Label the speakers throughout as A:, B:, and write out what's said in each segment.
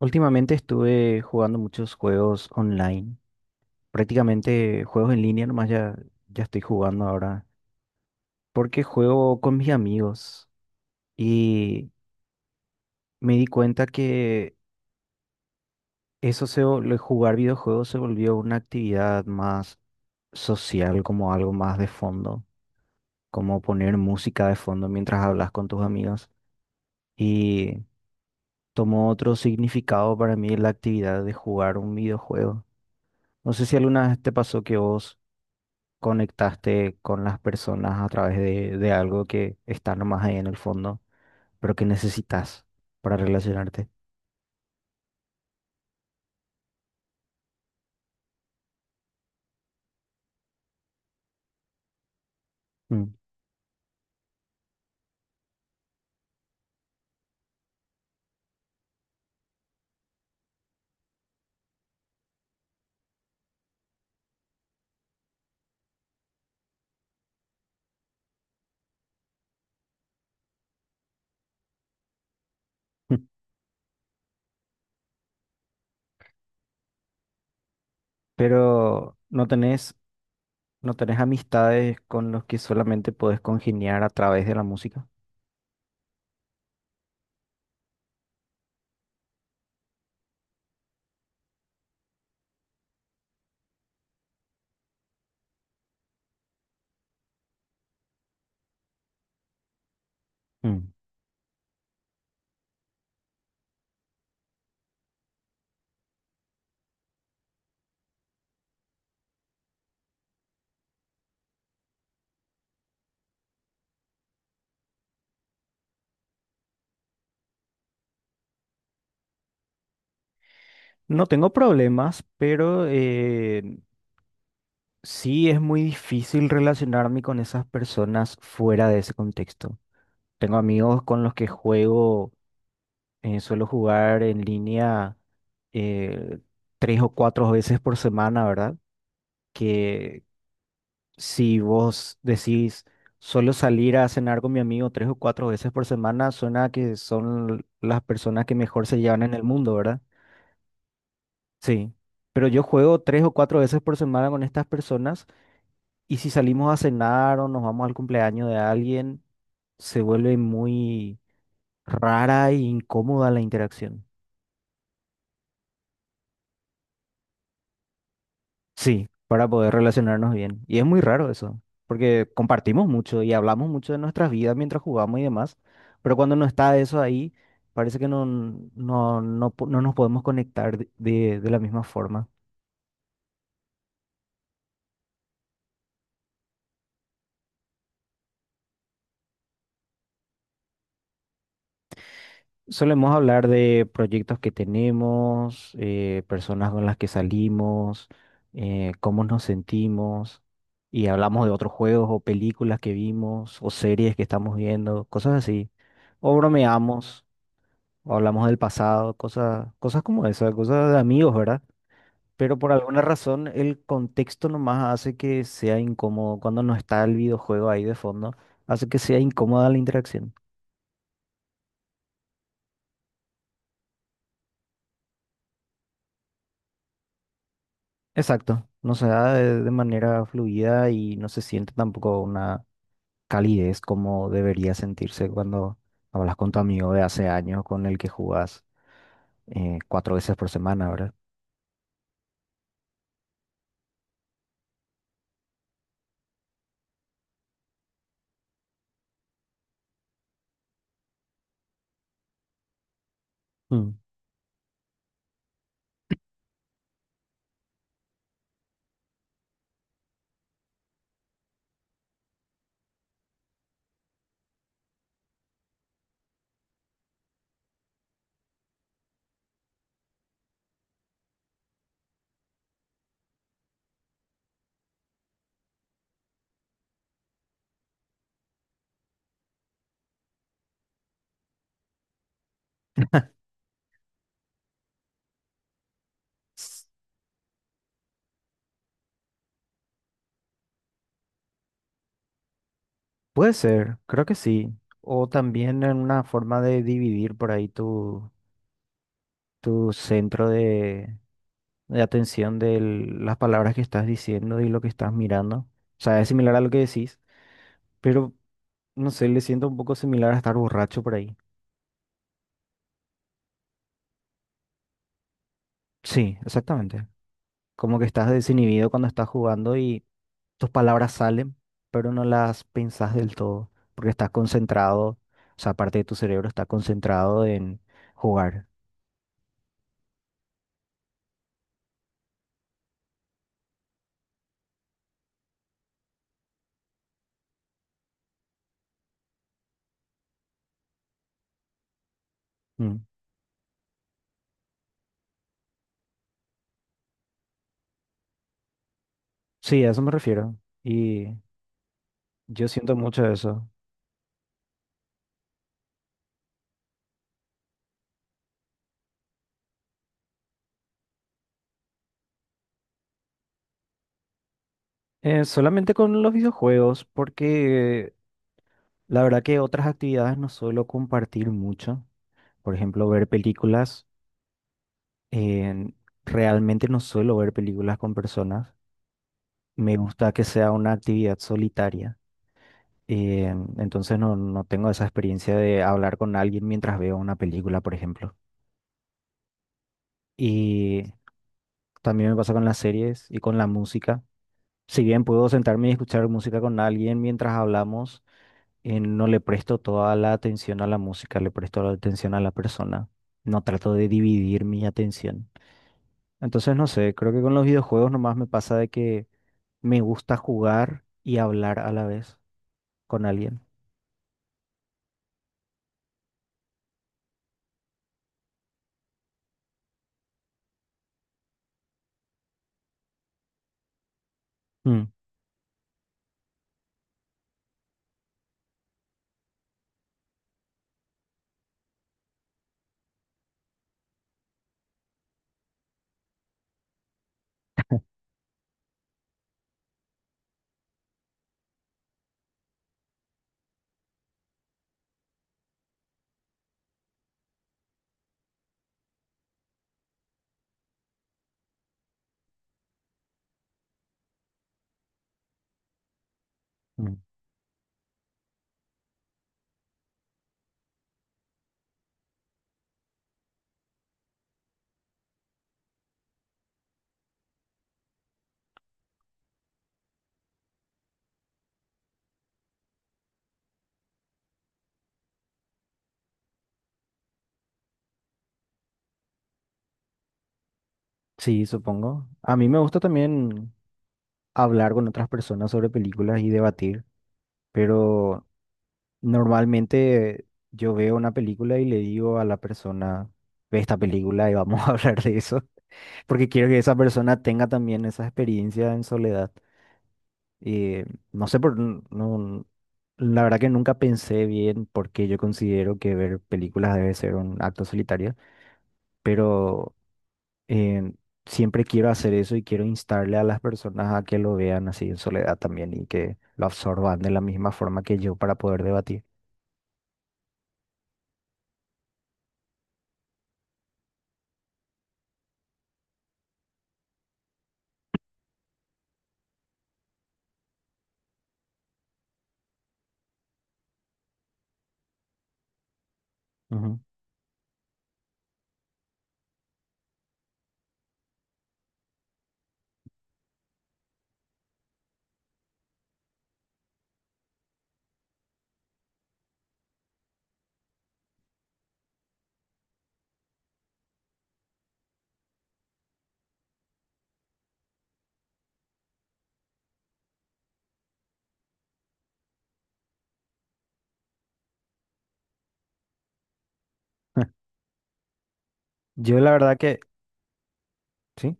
A: Últimamente estuve jugando muchos juegos online, prácticamente juegos en línea nomás ya, ya estoy jugando ahora, porque juego con mis amigos y me di cuenta que lo de jugar videojuegos se volvió una actividad más social, como algo más de fondo, como poner música de fondo mientras hablas con tus amigos y tomó otro significado para mí la actividad de jugar un videojuego. No sé si alguna vez te pasó que vos conectaste con las personas a través de algo que está nomás ahí en el fondo, pero que necesitas para relacionarte. Mm. Pero no tenés, no tenés amistades con los que solamente podés congeniar a través de la música. Mm. No tengo problemas, pero sí es muy difícil relacionarme con esas personas fuera de ese contexto. Tengo amigos con los que juego. Suelo jugar en línea, eh, tres o cuatro veces por semana, ¿verdad? Que si vos decís, suelo salir a cenar con mi amigo tres o cuatro veces por semana, suena que son las personas que mejor se llevan en el mundo, ¿verdad? Sí. Pero yo juego tres o cuatro veces por semana con estas personas, y si salimos a cenar o nos vamos al cumpleaños de alguien, se vuelve muy rara e incómoda la interacción. Sí, para poder relacionarnos bien. Y es muy raro eso, porque compartimos mucho y hablamos mucho de nuestras vidas mientras jugamos y demás, pero cuando no está eso ahí, parece que no nos podemos conectar de la misma forma. Solemos hablar de proyectos que tenemos, personas con las que salimos, cómo nos sentimos, y hablamos de otros juegos o películas que vimos o series que estamos viendo, cosas así. O bromeamos. O hablamos del pasado, cosas, cosas como esas, cosas de amigos, ¿verdad? Pero por alguna razón el contexto nomás hace que sea incómodo cuando no está el videojuego ahí de fondo, hace que sea incómoda la interacción. Exacto, no se da de manera fluida y no se siente tampoco una calidez como debería sentirse cuando hablas con tu amigo de hace años con el que jugás, cuatro veces por semana, ¿verdad? Mm. Puede ser, creo que sí. O también en una forma de dividir por ahí tu, tu centro de atención, de las palabras que estás diciendo y lo que estás mirando. O sea, es similar a lo que decís, pero no sé, le siento un poco similar a estar borracho por ahí. Sí, exactamente. Como que estás desinhibido cuando estás jugando y tus palabras salen, pero no las pensás del todo, porque estás concentrado, o sea, parte de tu cerebro está concentrado en jugar. Mm. Sí, a eso me refiero. Y yo siento mucho eso. Solamente con los videojuegos, porque la verdad que otras actividades no suelo compartir mucho. Por ejemplo, ver películas. Eh, realmente no suelo ver películas con personas. Me gusta que sea una actividad solitaria. Eh, entonces no tengo esa experiencia de hablar con alguien mientras veo una película, por ejemplo. Y también me pasa con las series y con la música. Si bien puedo sentarme y escuchar música con alguien mientras hablamos, no le presto toda la atención a la música, le presto la atención a la persona. No trato de dividir mi atención. Entonces, no sé, creo que con los videojuegos nomás me pasa de que me gusta jugar y hablar a la vez con alguien. Mm, mm. Sí, supongo. A mí me gusta también hablar con otras personas sobre películas y debatir, pero normalmente yo veo una película y le digo a la persona, ve esta película y vamos a hablar de eso, porque quiero que esa persona tenga también esa experiencia en soledad. Eh, no sé por, n- no, la verdad que nunca pensé bien por qué yo considero que ver películas debe ser un acto solitario, pero eh, siempre quiero hacer eso y quiero instarle a las personas a que lo vean así en soledad también y que lo absorban de la misma forma que yo para poder debatir. Ujú. Yo la verdad que… Sí.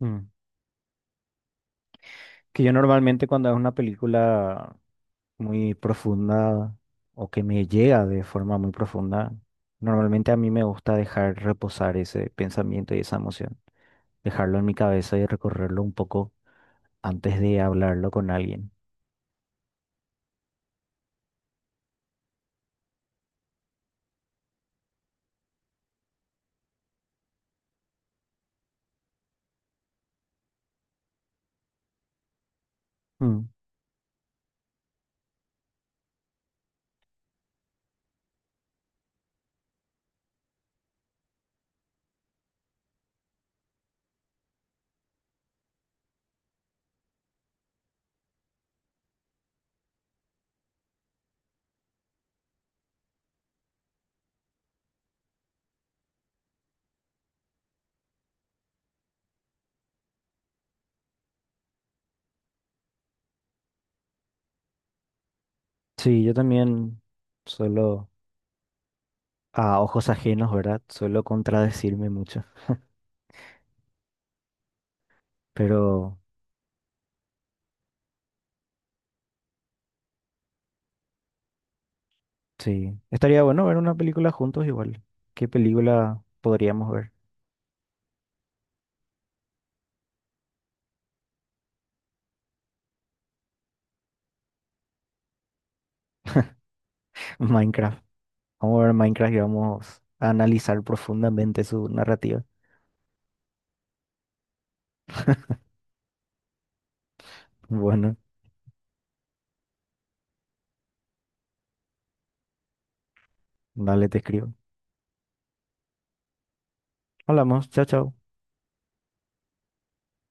A: Mm. Que yo normalmente, cuando es una película muy profunda o que me llega de forma muy profunda, normalmente a mí me gusta dejar reposar ese pensamiento y esa emoción, dejarlo en mi cabeza y recorrerlo un poco antes de hablarlo con alguien. Mm. Sí, yo también suelo, a ojos ajenos, ¿verdad? Suelo contradecirme mucho, pero sí, estaría bueno ver una película juntos igual. ¿Qué película podríamos ver? Minecraft. Vamos a ver Minecraft y vamos a analizar profundamente su narrativa. Bueno, dale, te escribo. Hablamos, chao, chao.